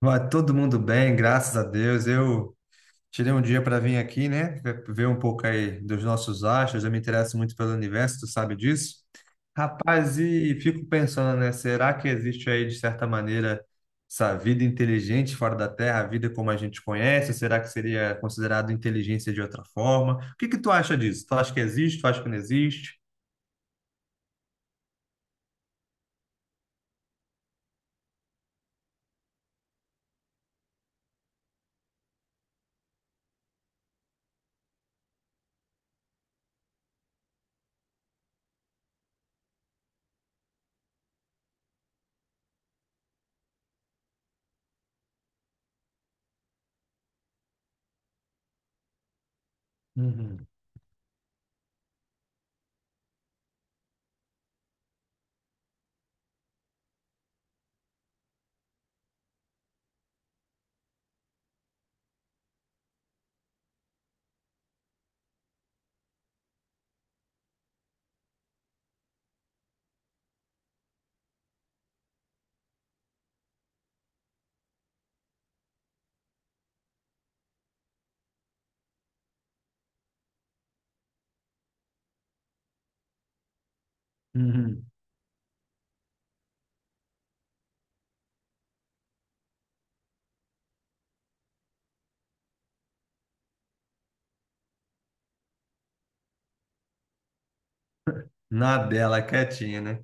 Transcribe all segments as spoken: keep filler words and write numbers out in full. Vai todo mundo bem, graças a Deus. Eu tirei um dia para vir aqui, né? Ver ver um pouco aí dos nossos astros. Eu me interesso muito pelo universo, tu sabe disso? Rapaz, e fico pensando, né? Será que existe aí, de certa maneira, essa vida inteligente fora da Terra, a vida como a gente conhece? Será que seria considerado inteligência de outra forma? O que que tu acha disso? Tu acha que existe? Tu acha que não existe? Uhum, uhum. Na dela, quietinha, né?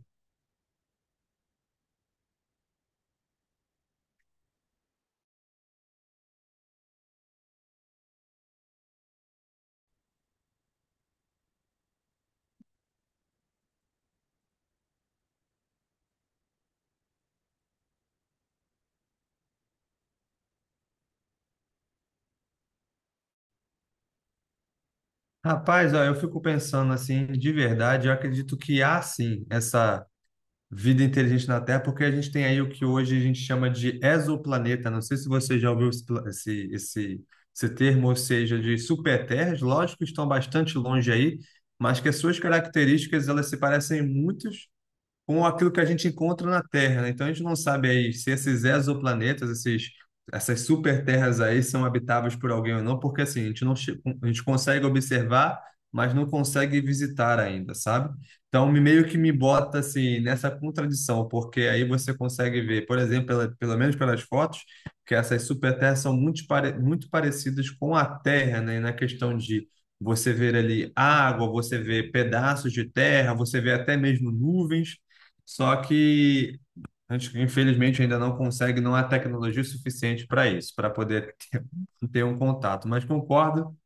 Rapaz, ó, eu fico pensando assim, de verdade, eu acredito que há sim essa vida inteligente na Terra, porque a gente tem aí o que hoje a gente chama de exoplaneta. Não sei se você já ouviu esse, pla- esse, esse, esse termo, ou seja, de superterras. Lógico que estão bastante longe aí, mas que as suas características elas se parecem muito com aquilo que a gente encontra na Terra, né? Então a gente não sabe aí se esses exoplanetas, esses, essas superterras aí são habitáveis por alguém ou não, porque assim, a gente não, che- a gente consegue observar, mas não consegue visitar ainda, sabe? Então me meio que me bota assim nessa contradição, porque aí você consegue ver, por exemplo, pela, pelo menos pelas fotos, que essas superterras são muito, pare, muito parecidas com a Terra, né? Na questão de você ver ali água, você vê pedaços de terra, você vê até mesmo nuvens, só que a gente, infelizmente, ainda não consegue, não há tecnologia suficiente para isso, para poder ter, ter um contato. Mas concordo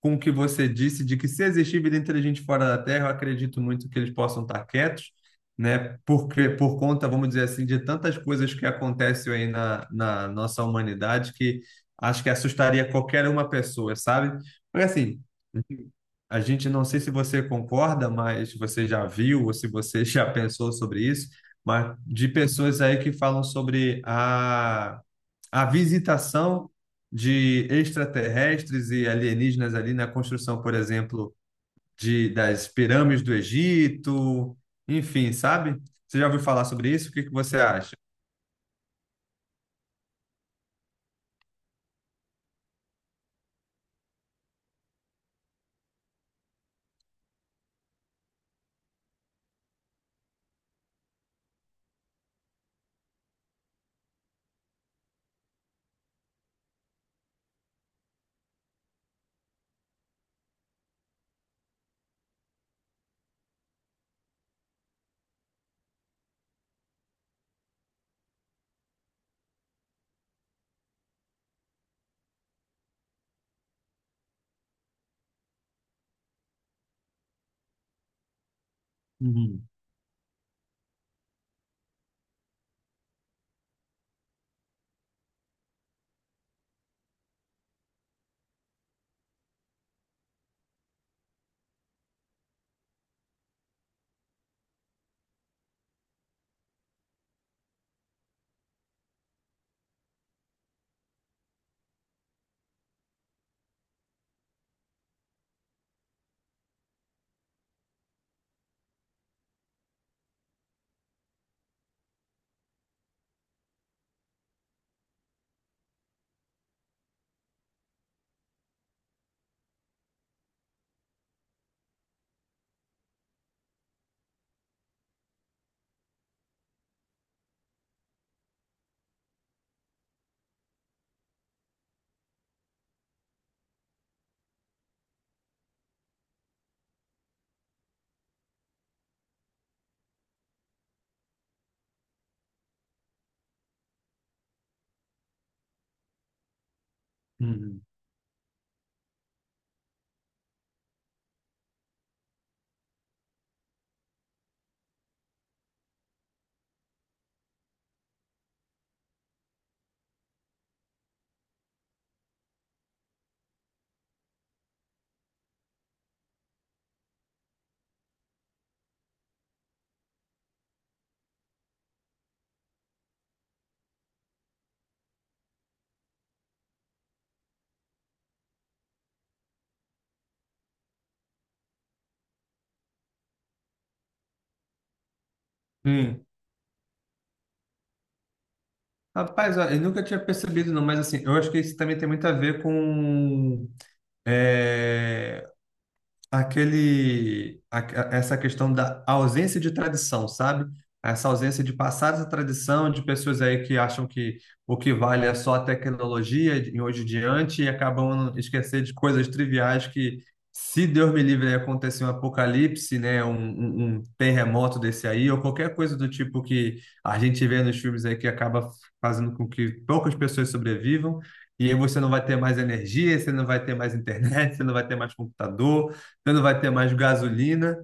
com o que você disse de que, se existir vida inteligente fora da Terra, eu acredito muito que eles possam estar quietos, né? Porque, por conta, vamos dizer assim, de tantas coisas que acontecem aí na, na nossa humanidade que acho que assustaria qualquer uma pessoa, sabe? Porque assim. A gente não sei se você concorda, mas você já viu ou se você já pensou sobre isso, mas de pessoas aí que falam sobre a, a visitação de extraterrestres e alienígenas ali na construção, por exemplo, de, das pirâmides do Egito, enfim, sabe? Você já ouviu falar sobre isso? O que que você acha? Uhum, uhum. Hum. Rapaz, ó, eu nunca tinha percebido, não, mas assim, eu acho que isso também tem muito a ver com eh, aquele a- a- essa questão da ausência de tradição, sabe? Essa ausência de passar essa tradição de pessoas aí que acham que o que vale é só a tecnologia de hoje em diante e acabam esquecendo de coisas triviais que, se Deus me livre, aí acontecer um apocalipse, né, um, um- um terremoto desse aí, ou qualquer coisa do tipo que a gente vê nos filmes aí que acaba fazendo com que poucas pessoas sobrevivam, e aí você não vai ter mais energia, você não vai ter mais internet, você não vai ter mais computador, você não vai ter mais gasolina.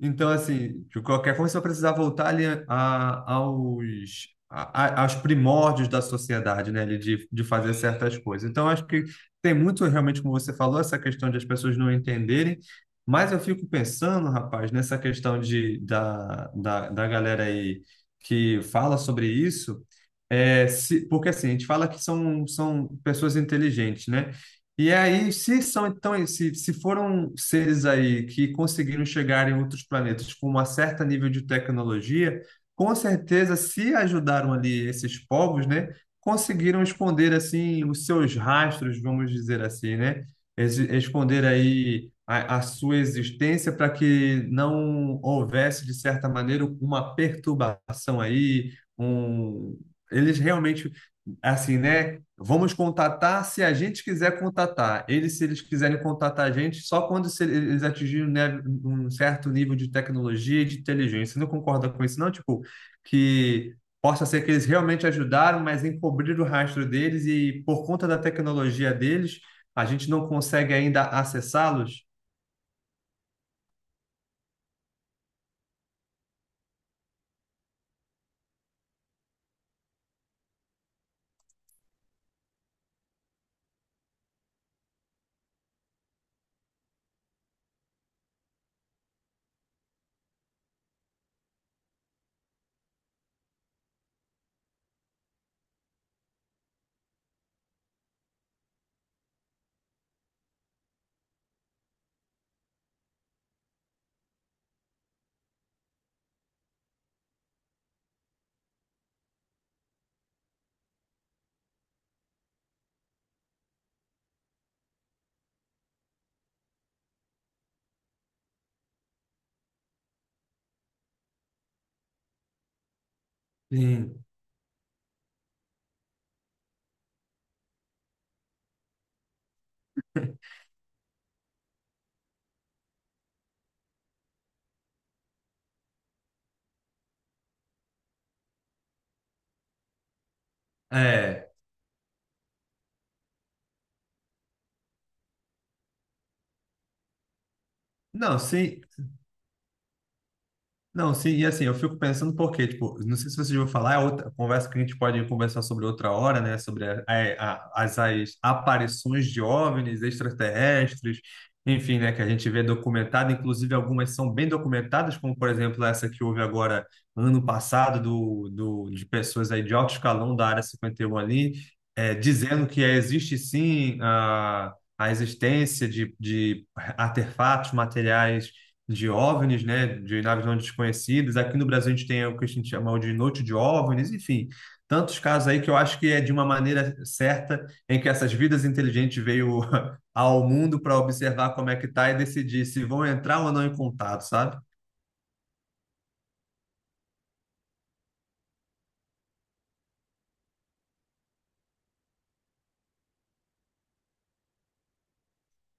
Então, assim, de qualquer forma, você vai precisar voltar ali a- aos, a- a- aos primórdios da sociedade, né? Ali De, de fazer certas coisas. Então, acho que tem muito, realmente, como você falou, essa questão de as pessoas não entenderem. Mas eu fico pensando, rapaz, nessa questão de, da, da, da galera aí que fala sobre isso. É, se- porque assim, a gente fala que são, são pessoas inteligentes, né? E aí, se são então, se, se foram seres aí que conseguiram chegar em outros planetas com uma certa nível de tecnologia, com certeza, se ajudaram ali esses povos, né, conseguiram esconder assim os seus rastros, vamos dizer assim, né, Es- esconder aí a, a sua existência para que não houvesse de certa maneira uma perturbação aí, um, eles realmente assim, né? Vamos contatar se a gente quiser contatar. Eles, se eles quiserem contatar a gente, só quando se- eles atingirem, né, um certo nível de tecnologia e de inteligência. Você não concorda com isso, não? Tipo, que possa ser que eles realmente ajudaram, mas encobriram o rastro deles e, por conta da tecnologia deles, a gente não consegue ainda acessá-los? Sim. É. Não, sim. Não, sim, e assim, eu fico pensando porque, tipo, não sei se vocês vão falar, é outra conversa que a gente pode conversar sobre outra hora, né? Sobre a- a- as, as aparições de OVNIs extraterrestres, enfim, né? Que a gente vê documentado, inclusive algumas são bem documentadas, como por exemplo essa que houve agora ano passado do, do, de pessoas aí de alto escalão da Área cinquenta e um ali, é, dizendo que existe sim a, a existência de, de artefatos materiais de OVNIs, né, de naves não desconhecidas. Aqui no Brasil a gente tem o que a gente chama de noite de OVNIs, enfim, tantos casos aí que eu acho que é de uma maneira certa em que essas vidas inteligentes veio ao mundo para observar como é que tá e decidir se vão entrar ou não em contato, sabe?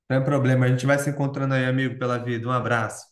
Não é problema, a gente vai se encontrando aí, amigo, pela vida. Um abraço.